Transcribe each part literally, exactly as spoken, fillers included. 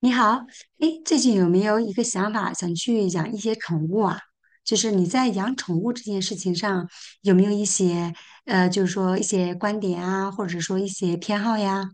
你好，哎，最近有没有一个想法，想去养一些宠物啊？就是你在养宠物这件事情上，有没有一些呃，就是说一些观点啊，或者说一些偏好呀？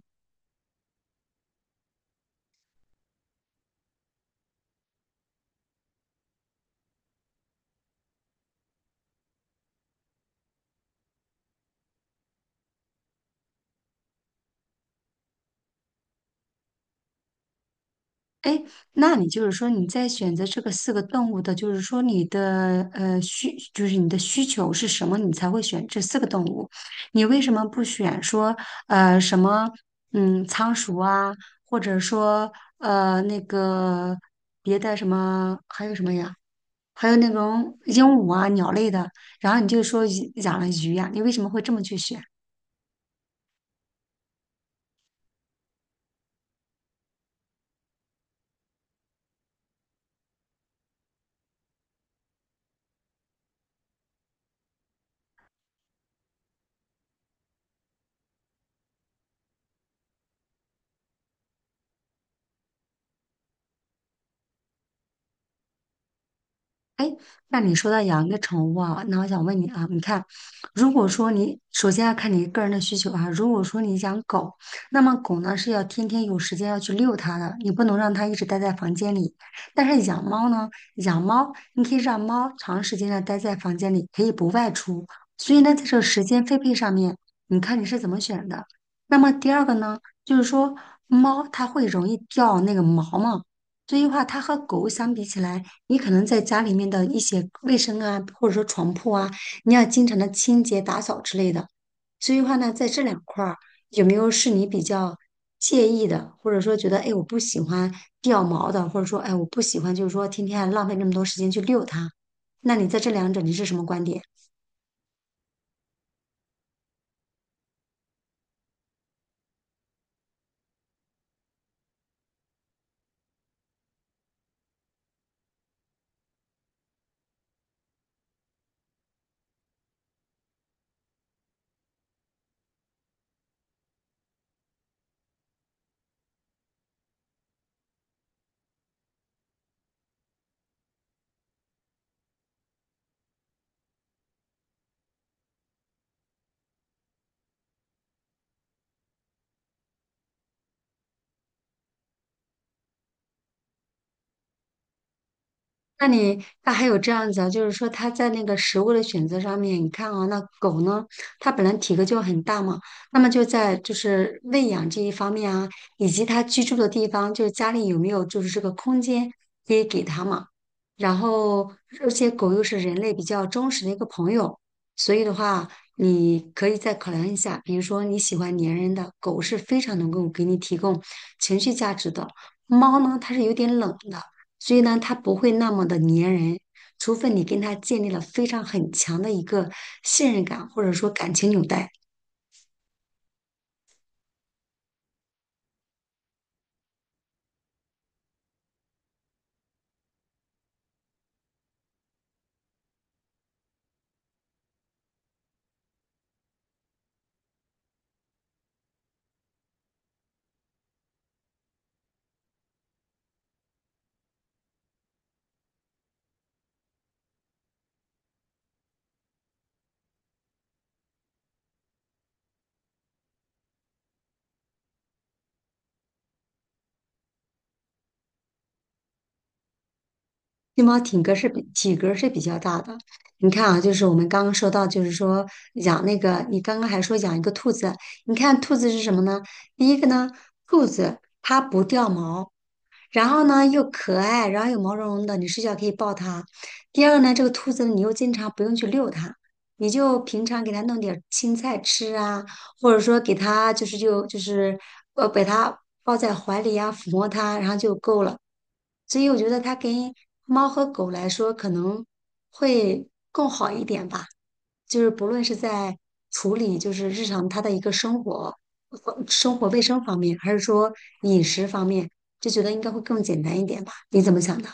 哎，那你就是说你在选择这个四个动物的，就是说你的呃需，就是你的需求是什么，你才会选这四个动物？你为什么不选说呃什么嗯仓鼠啊，或者说呃那个别的什么还有什么呀？还有那种鹦鹉啊鸟类的，然后你就说鱼养了鱼呀、你为什么会这么去选？那你说到养一个宠物啊，那我想问你啊，你看，如果说你首先要看你个人的需求啊，如果说你养狗，那么狗呢是要天天有时间要去遛它的，你不能让它一直待在房间里。但是养猫呢，养猫你可以让猫长时间的待在房间里，可以不外出。所以呢，在这个时间分配上面，你看你是怎么选的？那么第二个呢，就是说猫它会容易掉那个毛嘛。所以话，它和狗相比起来。你可能在家里面的一些卫生啊，或者说床铺啊，你要经常的清洁打扫之类的。所以的话呢，在这两块儿，有没有是你比较介意的，或者说觉得哎我不喜欢掉毛的，或者说哎我不喜欢就是说天天浪费那么多时间去遛它？那你在这两者你是什么观点？那你那还有这样子啊，就是说它在那个食物的选择上面，你看啊，那狗呢，它本来体格就很大嘛，那么就在就是喂养这一方面啊，以及它居住的地方，就是家里有没有就是这个空间可以给它嘛。然后，而且狗又是人类比较忠实的一个朋友，所以的话，你可以再考量一下，比如说你喜欢粘人的狗是非常能够给你提供情绪价值的，猫呢它是有点冷的。所以呢，它不会那么的粘人，除非你跟他建立了非常很强的一个信任感，或者说感情纽带。金毛体格是比体格是比较大的，你看啊，就是我们刚刚说到，就是说养那个，你刚刚还说养一个兔子，你看兔子是什么呢？第一个呢，兔子它不掉毛，然后呢又可爱，然后又毛茸茸的，你睡觉可以抱它。第二呢，这个兔子你又经常不用去遛它，你就平常给它弄点儿青菜吃啊，或者说给它就是就就是呃把它抱在怀里呀、抚摸它，然后就够了。所以我觉得它跟猫和狗来说可能会更好一点吧，就是不论是在处理就是日常它的一个生活、呃生活卫生方面，还是说饮食方面，就觉得应该会更简单一点吧？你怎么想的？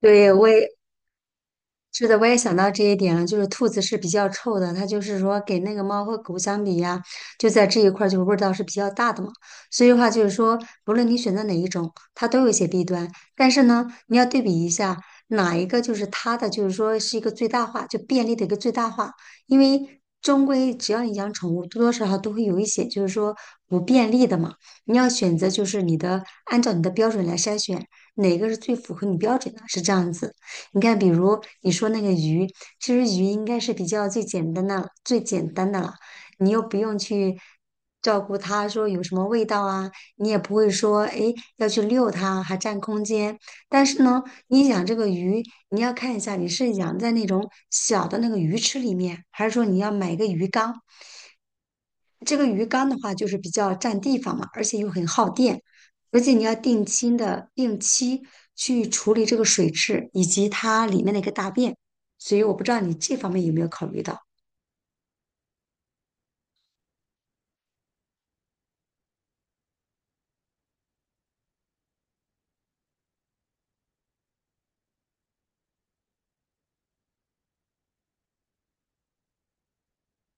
对，我也是的，我也想到这一点了，就是兔子是比较臭的，它就是说给那个猫和狗相比呀，就在这一块儿就味道是比较大的嘛。所以的话就是说，不论你选择哪一种，它都有一些弊端，但是呢，你要对比一下哪一个就是它的，就是说是一个最大化，就便利的一个最大化，因为。终归，只要你养宠物，多多少少都会有一些，就是说不便利的嘛。你要选择，就是你的，按照你的标准来筛选，哪个是最符合你标准的，是这样子。你看，比如你说那个鱼，其实鱼应该是比较最简单的、最简单的了，你又不用去照顾它，说有什么味道啊，你也不会说诶要去遛它，还占空间。但是呢，你养这个鱼，你要看一下你是养在那种小的那个鱼池里面，还是说你要买一个鱼缸，这个鱼缸的话，就是比较占地方嘛，而且又很耗电，而且你要定期的定期去处理这个水质以及它里面的一个大便，所以我不知道你这方面有没有考虑到。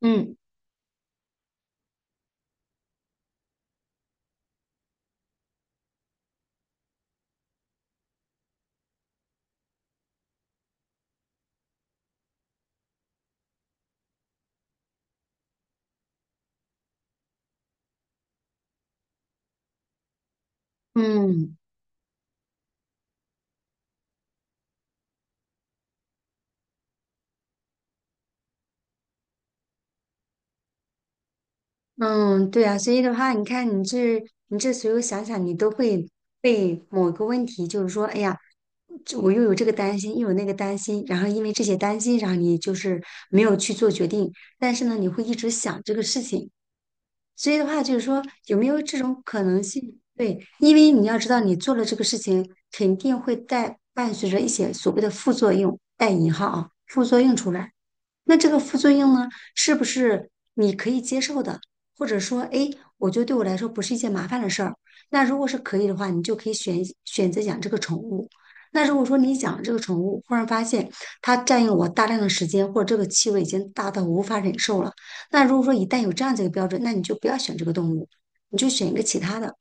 嗯嗯嗯，对啊，所以的话，你看你这你这随后想想，你都会被某个问题，就是说，哎呀，这我又有这个担心，又有那个担心，然后因为这些担心，然后你就是没有去做决定，但是呢，你会一直想这个事情。所以的话，就是说有没有这种可能性？对，因为你要知道，你做了这个事情，肯定会带伴随着一些所谓的副作用，带引号啊，副作用出来。那这个副作用呢，是不是你可以接受的？或者说，哎，我觉得对我来说不是一件麻烦的事儿。那如果是可以的话，你就可以选选择养这个宠物。那如果说你养这个宠物，忽然发现它占用我大量的时间，或者这个气味已经大到无法忍受了。那如果说一旦有这样子一个标准，那你就不要选这个动物，你就选一个其他的。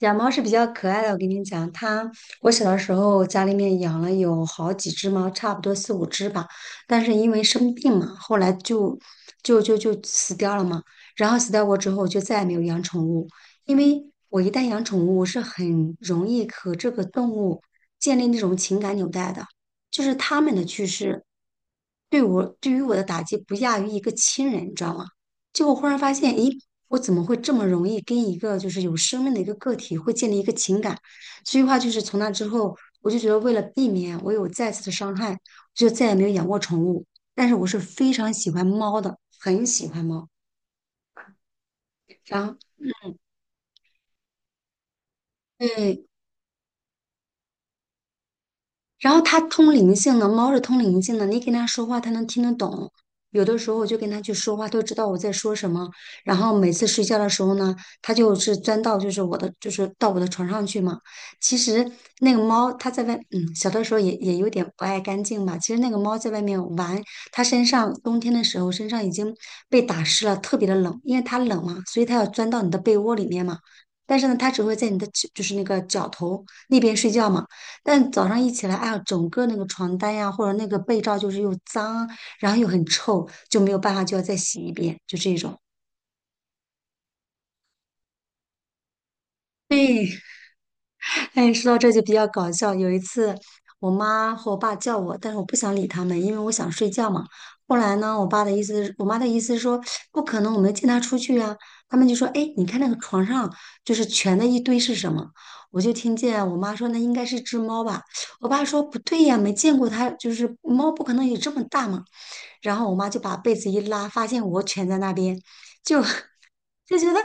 养猫是比较可爱的，我跟你讲，它我小的时候家里面养了有好几只猫，差不多四五只吧。但是因为生病嘛，后来就就就就死掉了嘛。然后死掉过之后，我就再也没有养宠物，因为我一旦养宠物，我是很容易和这个动物建立那种情感纽带的，就是它们的去世对我对于我的打击不亚于一个亲人，你知道吗？就我忽然发现，咦。我怎么会这么容易跟一个就是有生命的一个个体会建立一个情感？所以话就是从那之后，我就觉得为了避免我有再次的伤害，就再也没有养过宠物。但是我是非常喜欢猫的，很喜欢猫。然后对，嗯然后它通灵性的，猫是通灵性的，你跟它说话，它能听得懂。有的时候我就跟它去说话，它就知道我在说什么。然后每次睡觉的时候呢，它就是钻到就是我的就是到我的床上去嘛。其实那个猫它在外，嗯，小的时候也也有点不爱干净吧。其实那个猫在外面玩，它身上冬天的时候身上已经被打湿了，特别的冷，因为它冷嘛，所以它要钻到你的被窝里面嘛。但是呢，它只会在你的脚就是那个脚头那边睡觉嘛。但早上一起来，哎呀，整个那个床单呀，或者那个被罩，就是又脏，然后又很臭，就没有办法，就要再洗一遍，就这种。哎，说到这就比较搞笑。有一次，我妈和我爸叫我，但是我不想理他们，因为我想睡觉嘛。后来呢，我爸的意思是，我妈的意思是说，不可能，我没见他出去啊。他们就说，哎，你看那个床上就是蜷的一堆是什么？我就听见我妈说，那应该是只猫吧。我爸说，不对呀，没见过它，就是猫不可能有这么大嘛。然后我妈就把被子一拉，发现我蜷在那边，就 就觉得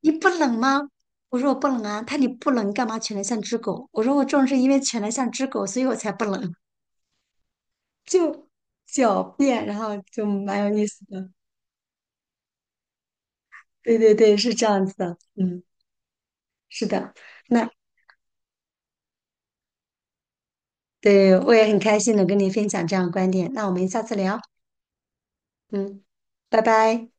你不冷吗？我说我不冷啊，他你不冷，你干嘛蜷得像只狗？我说我正是因为蜷得像只狗，所以我才不冷，就狡辩，然后就蛮有意思的。对对对，是这样子的，嗯，是的，那对我也很开心能跟你分享这样的观点，那我们下次聊，嗯，拜拜。